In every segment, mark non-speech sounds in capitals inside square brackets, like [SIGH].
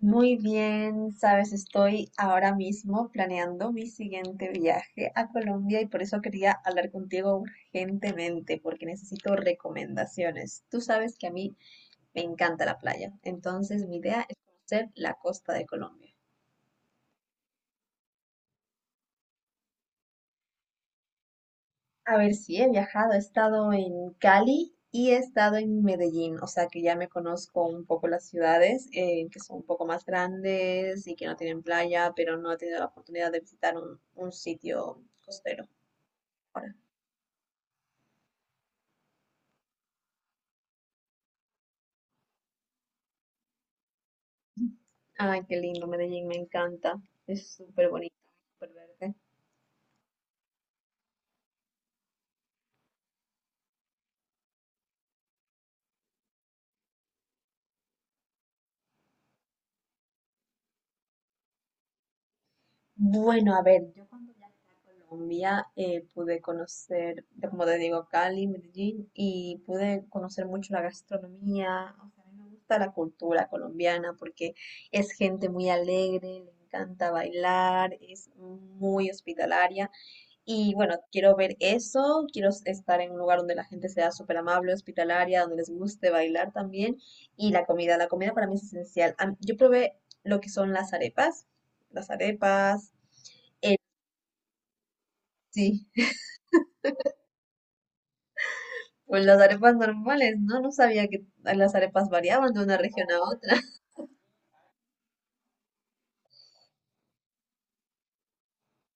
Muy bien, sabes, estoy ahora mismo planeando mi siguiente viaje a Colombia y por eso quería hablar contigo urgentemente, porque necesito recomendaciones. Tú sabes que a mí me encanta la playa, entonces mi idea es conocer la costa de Colombia. A ver, si he viajado, he estado en Cali y he estado en Medellín, o sea que ya me conozco un poco las ciudades que son un poco más grandes y que no tienen playa, pero no he tenido la oportunidad de visitar un sitio costero ahora. Ay, qué lindo, Medellín, me encanta. Es súper bonito, súper verde. Bueno, a ver, yo cuando viajé a Colombia pude conocer, como te digo, Cali, Medellín, y pude conocer mucho la gastronomía. O sea, a mí me gusta la cultura colombiana porque es gente muy alegre, le encanta bailar, es muy hospitalaria. Y bueno, quiero ver eso, quiero estar en un lugar donde la gente sea súper amable, hospitalaria, donde les guste bailar también. Y la comida para mí es esencial. Yo probé lo que son las arepas, el- sí, [LAUGHS] pues las arepas normales, ¿no? No sabía que las arepas variaban de una región a otra. [LAUGHS]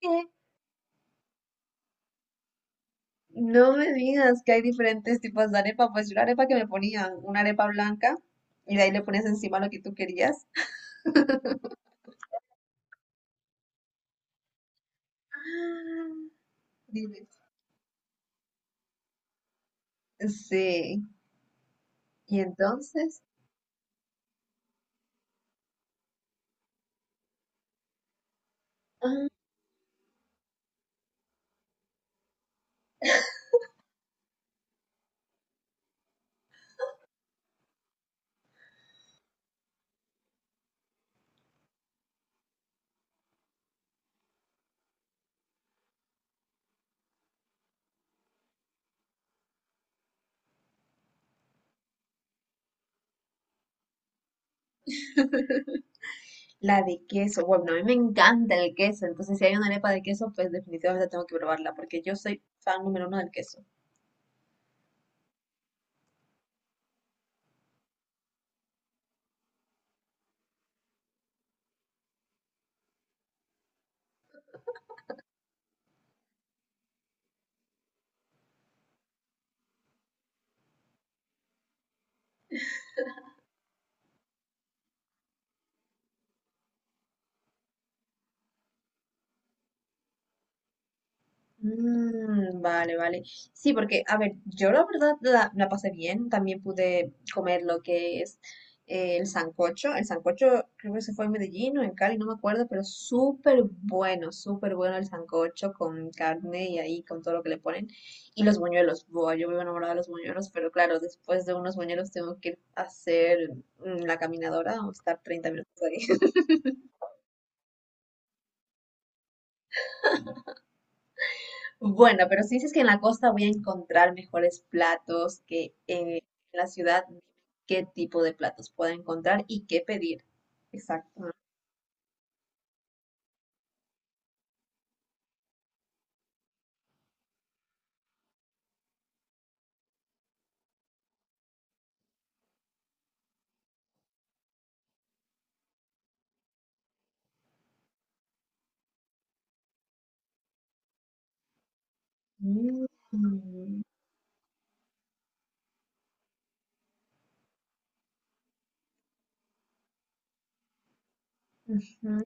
¿Qué? No me digas que hay diferentes tipos de arepa, pues yo la arepa que me ponían, una arepa blanca, y de ahí le ponías encima lo que tú querías. Ah. Dime. Sí. Y entonces, ah, la de queso. Bueno, a mí me encanta el queso. Entonces, si hay una arepa de queso, pues definitivamente tengo que probarla porque yo soy fan número uno del queso. Mm, vale, vale. Sí, porque, a ver, yo la verdad la pasé bien. También pude comer lo que es el sancocho. El sancocho creo que se fue en Medellín o en Cali, no me acuerdo, pero súper bueno el sancocho con carne y ahí con todo lo que le ponen. Y los buñuelos. Buah, yo vivo enamorada de los buñuelos, pero claro, después de unos buñuelos tengo que ir a hacer la caminadora o estar 30 minutos ahí. Bueno, pero si dices que en la costa voy a encontrar mejores platos que en la ciudad, ¿qué tipo de platos puedo encontrar y qué pedir? Exacto. Mm, ujú.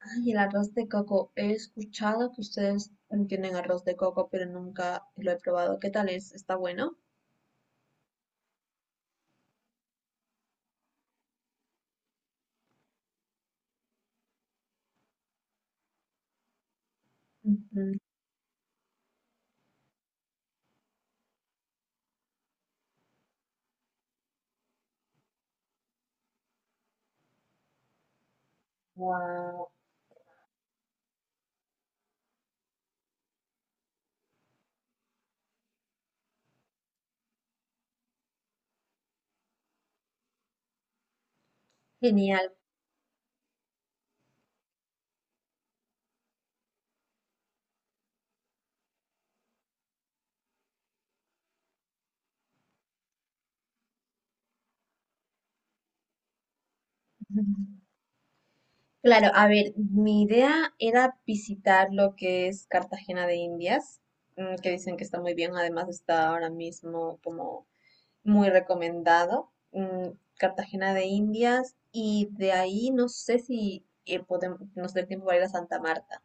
Ay, el arroz de coco. He escuchado que ustedes tienen arroz de coco, pero nunca lo he probado. ¿Qué tal es? ¿Está bueno? Ujú. Wow, genial. [LAUGHS] Claro, a ver, mi idea era visitar lo que es Cartagena de Indias, mm, que dicen que está muy bien, además está ahora mismo como muy recomendado. Mm, Cartagena de Indias, y de ahí no sé si podemos, nos dé tiempo para ir a Santa Marta.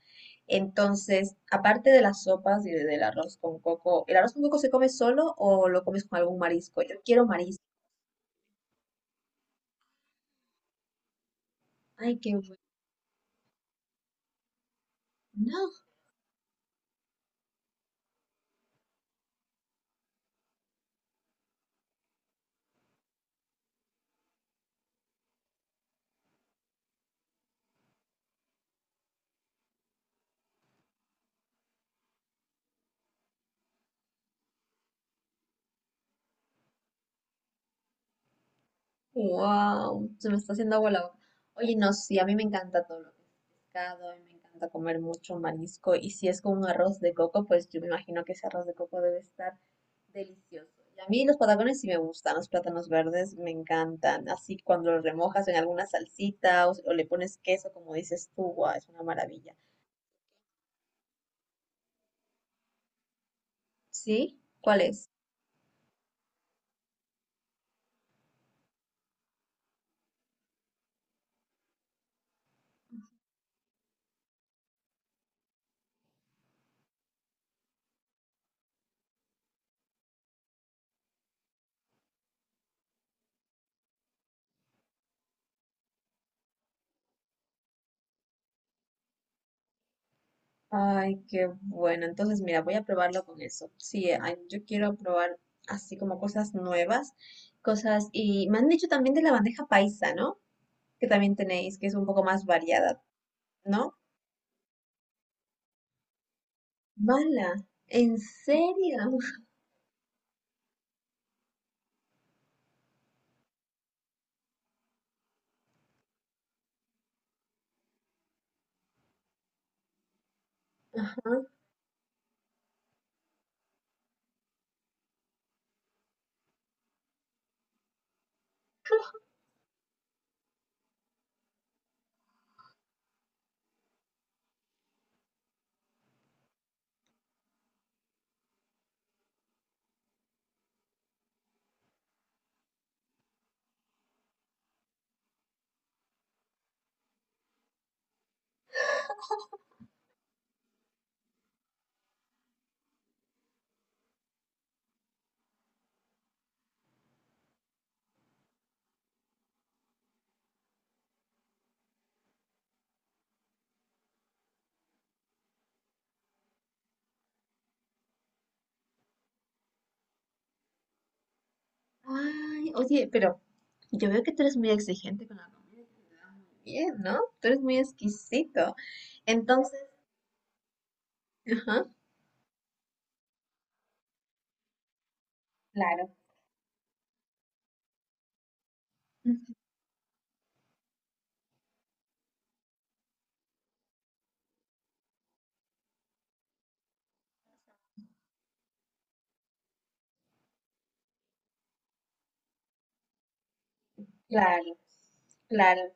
Entonces, aparte de las sopas y del arroz con coco, ¿el arroz con coco se come solo o lo comes con algún marisco? Yo quiero marisco. Ay, qué bueno. No. Wow, se me está haciendo agua la boca. Oye, no, sí, a mí me encanta todo lo que es pescado, a mí me encanta comer mucho marisco y si es con un arroz de coco, pues yo me imagino que ese arroz de coco debe estar delicioso. Y a mí los patacones sí me gustan, los plátanos verdes me encantan, así cuando los remojas en alguna salsita o le pones queso, como dices tú, guau, es una maravilla. ¿Sí? ¿Cuál es? Ay, qué bueno. Entonces, mira, voy a probarlo con eso. Sí, ay, yo quiero probar así como cosas nuevas, cosas... Y me han dicho también de la bandeja paisa, ¿no? Que también tenéis, que es un poco más variada, ¿no? Mala, ¿en serio? Ajá. Ay, oye, pero yo veo que tú eres muy exigente con la comida también, ¿no? Tú eres muy exquisito. Entonces, ajá, claro, ujú, claro, claro.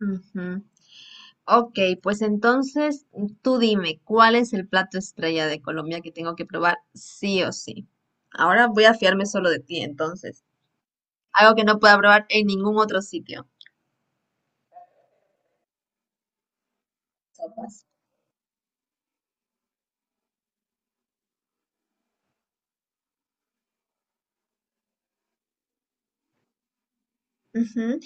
Ujú. Ok, pues entonces tú dime, ¿cuál es el plato estrella de Colombia que tengo que probar sí o sí? Ahora voy a fiarme solo de ti, entonces. Algo que no pueda probar en ningún otro sitio. Sopas. Ujú.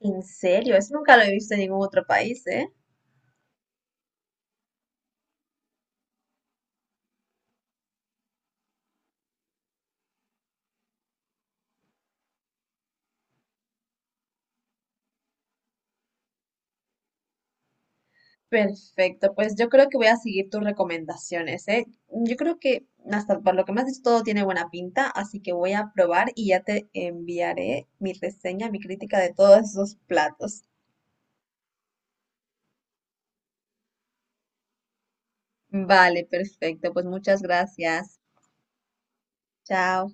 En serio, eso nunca lo he visto en ningún otro país, ¿eh? Perfecto, pues yo creo que voy a seguir tus recomendaciones, ¿eh? Yo creo que hasta por lo que me has dicho todo tiene buena pinta, así que voy a probar y ya te enviaré mi reseña, mi crítica de todos esos platos. Vale, perfecto. Pues muchas gracias. Chao.